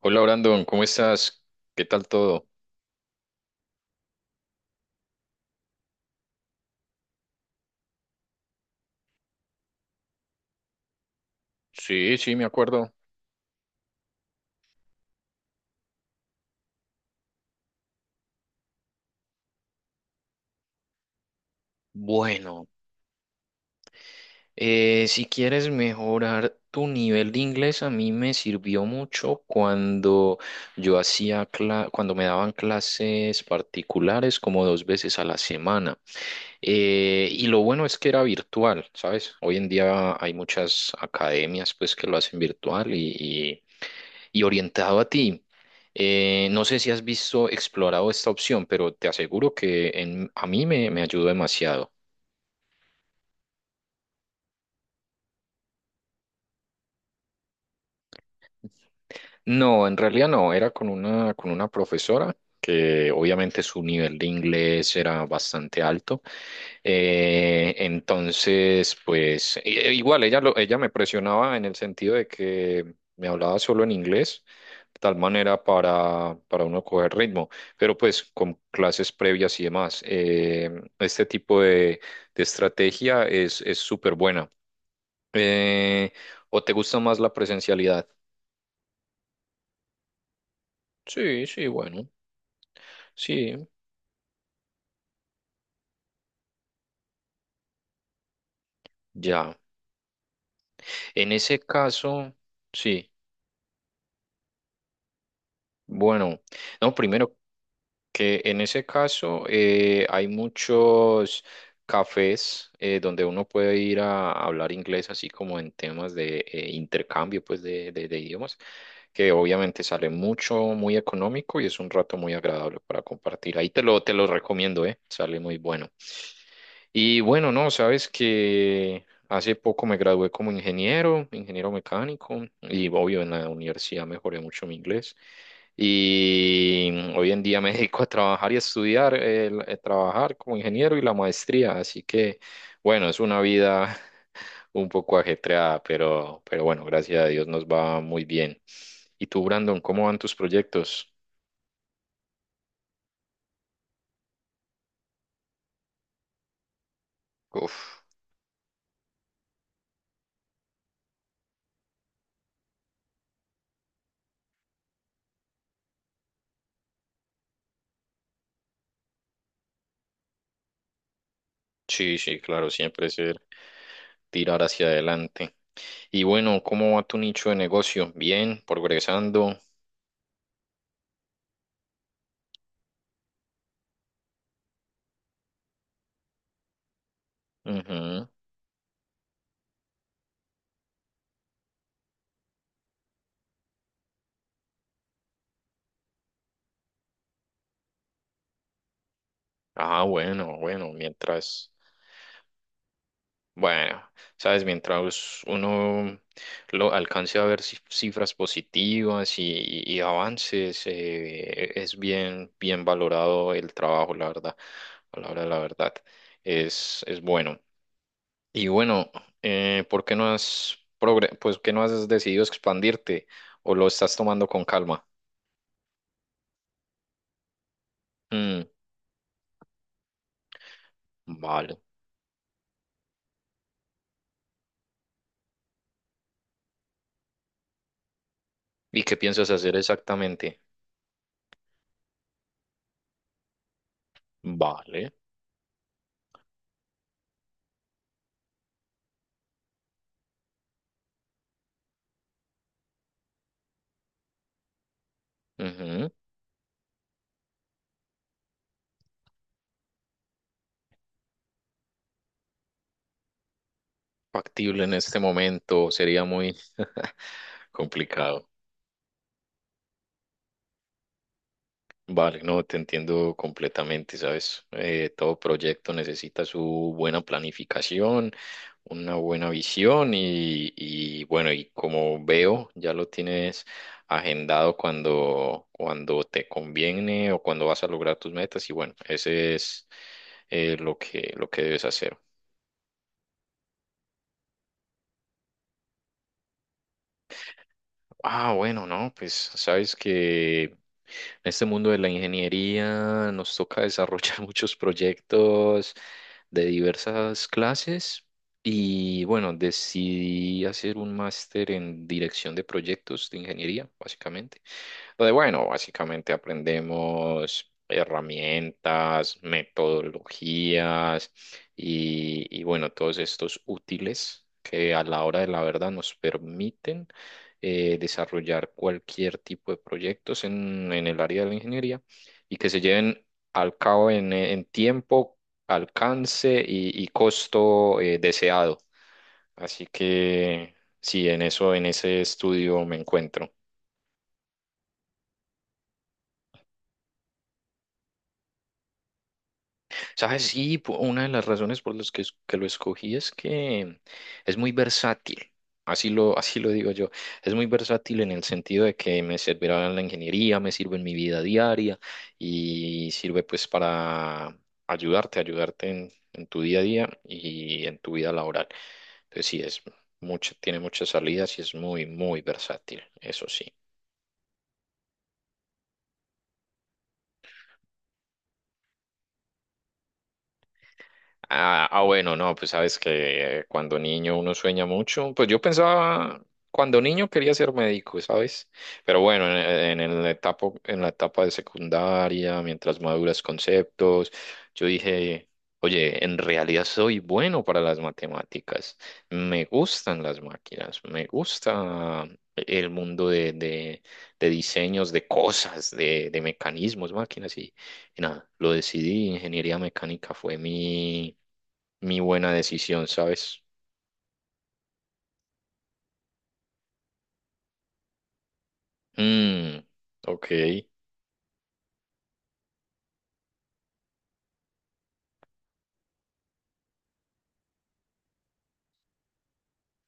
Hola Brandon, ¿cómo estás? ¿Qué tal todo? Sí, sí, me acuerdo. Bueno, si quieres mejorar tu nivel de inglés, a mí me sirvió mucho cuando yo hacía cuando me daban clases particulares como dos veces a la semana. Y lo bueno es que era virtual, ¿sabes? Hoy en día hay muchas academias pues que lo hacen virtual y orientado a ti. No sé si has visto, explorado esta opción, pero te aseguro que a mí me ayudó demasiado. No, en realidad no, era con una profesora que obviamente su nivel de inglés era bastante alto. Entonces, pues igual ella me presionaba en el sentido de que me hablaba solo en inglés, de tal manera para uno coger ritmo, pero pues con clases previas y demás. Este tipo de estrategia es súper buena. Eh, ¿O te gusta más la presencialidad? Sí, sí, bueno, sí, ya. En ese caso, sí. Bueno, no, primero, que en ese caso hay muchos cafés donde uno puede ir a hablar inglés, así como en temas de intercambio pues de, de idiomas, que obviamente sale mucho, muy económico y es un rato muy agradable para compartir. Ahí te lo recomiendo, sale muy bueno. Y bueno, no, sabes que hace poco me gradué como ingeniero, ingeniero mecánico, y obvio en la universidad mejoré mucho mi inglés. Y hoy en día me dedico a trabajar y a estudiar, a trabajar como ingeniero y la maestría. Así que, bueno, es una vida un poco ajetreada, pero bueno, gracias a Dios nos va muy bien. ¿Y tú, Brandon, cómo van tus proyectos? Uf, sí, sí, claro, siempre es el tirar hacia adelante. Y bueno, ¿cómo va tu nicho de negocio? Bien, progresando. Ujú. Ah, bueno, bueno, mientras, bueno, sabes, mientras uno lo alcance a ver cifras positivas y, y avances, es bien, bien valorado el trabajo, la verdad, a la hora de la verdad, es bueno. Y bueno, ¿por qué no has pues, qué no has decidido expandirte o lo estás tomando con calma? Mm, vale. ¿Y qué piensas hacer exactamente? Vale, ujú. Factible en este momento sería muy complicado. Vale, no, te entiendo completamente, ¿sabes? Todo proyecto necesita su buena planificación, una buena visión y bueno, y como veo, ya lo tienes agendado cuando, cuando te conviene o cuando vas a lograr tus metas y bueno, ese es lo que debes hacer. Ah, bueno, no, pues sabes que en este mundo de la ingeniería nos toca desarrollar muchos proyectos de diversas clases y bueno, decidí hacer un máster en dirección de proyectos de ingeniería, básicamente. Pues bueno, básicamente aprendemos herramientas, metodologías y bueno, todos estos útiles que a la hora de la verdad nos permiten desarrollar cualquier tipo de proyectos en el área de la ingeniería y que se lleven al cabo en tiempo, alcance y costo deseado. Así que sí, en eso, en ese estudio me encuentro. ¿Sabes? Sí, una de las razones por las que, que lo escogí es que es muy versátil. Así lo digo yo. Es muy versátil en el sentido de que me servirá en la ingeniería, me sirve en mi vida diaria y sirve pues para ayudarte, ayudarte en tu día a día y en tu vida laboral. Entonces sí, es mucho, tiene muchas salidas y es muy, muy versátil, eso sí. Ah, ah, bueno, no, pues sabes que cuando niño uno sueña mucho. Pues yo pensaba, cuando niño quería ser médico, ¿sabes? Pero bueno, en el etapa, en la etapa de secundaria, mientras maduras conceptos, yo dije, oye, en realidad soy bueno para las matemáticas. Me gustan las máquinas, me gusta el mundo de diseños, de cosas, de mecanismos, máquinas y nada, lo decidí. Ingeniería mecánica fue mi mi buena decisión, ¿sabes? Mm, ok.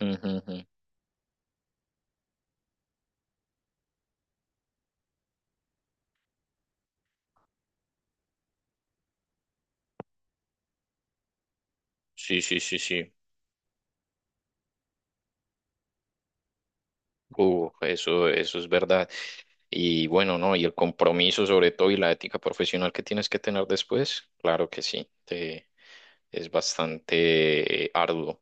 Ujú, ujú. Sí, sí, sí, sí. Eso, eso es verdad. Y bueno, ¿no? Y el compromiso sobre todo y la ética profesional que tienes que tener después, claro que sí, te- es bastante arduo.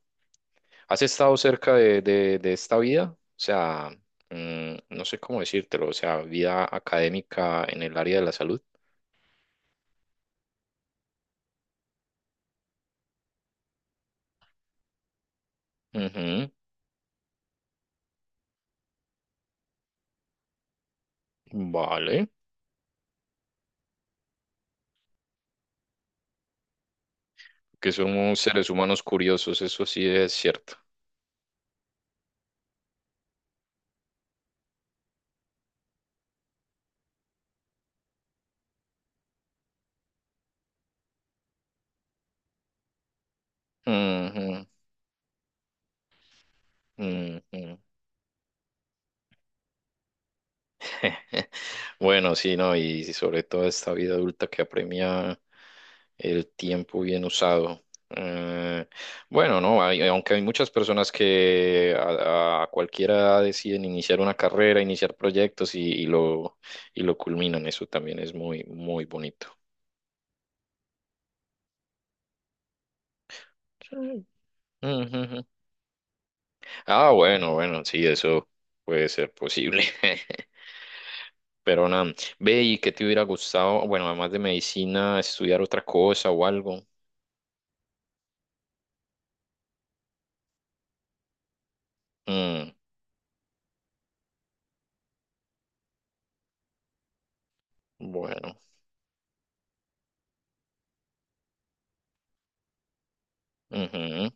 ¿Has estado cerca de esta vida? O sea, mm, no sé cómo decírtelo, o sea, vida académica en el área de la salud. Ujú. Vale, que somos seres humanos curiosos, eso sí es cierto. Ujú, ujú. Bueno, sí, no, y sobre todo esta vida adulta que apremia el tiempo bien usado. Eh, bueno, no, hay- aunque hay muchas personas que a cualquier edad deciden iniciar una carrera, iniciar proyectos y lo culminan, eso también es muy, muy bonito. Sí. Ujú, ujú. Ah, bueno, bueno, sí, eso puede ser posible. Pero nada, ve y qué te hubiera gustado, bueno, además de medicina, estudiar otra cosa o algo. Mm, bueno, ujú,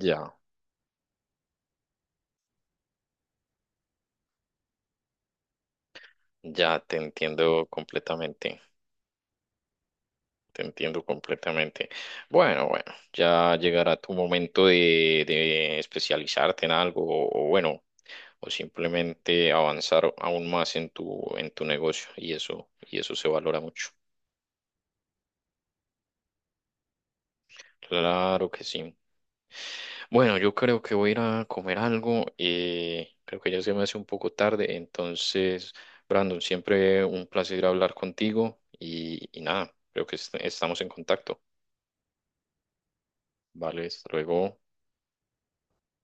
ya, ya te entiendo completamente, te entiendo completamente. Bueno, bueno, ya llegará tu momento de especializarte en algo o bueno, o simplemente avanzar aún más en tu negocio y eso se valora mucho. Claro que sí. Bueno, yo creo que voy a ir a comer algo. Creo que ya se me hace un poco tarde. Entonces, Brandon, siempre un placer hablar contigo y nada, creo que estamos en contacto. Vale, hasta luego.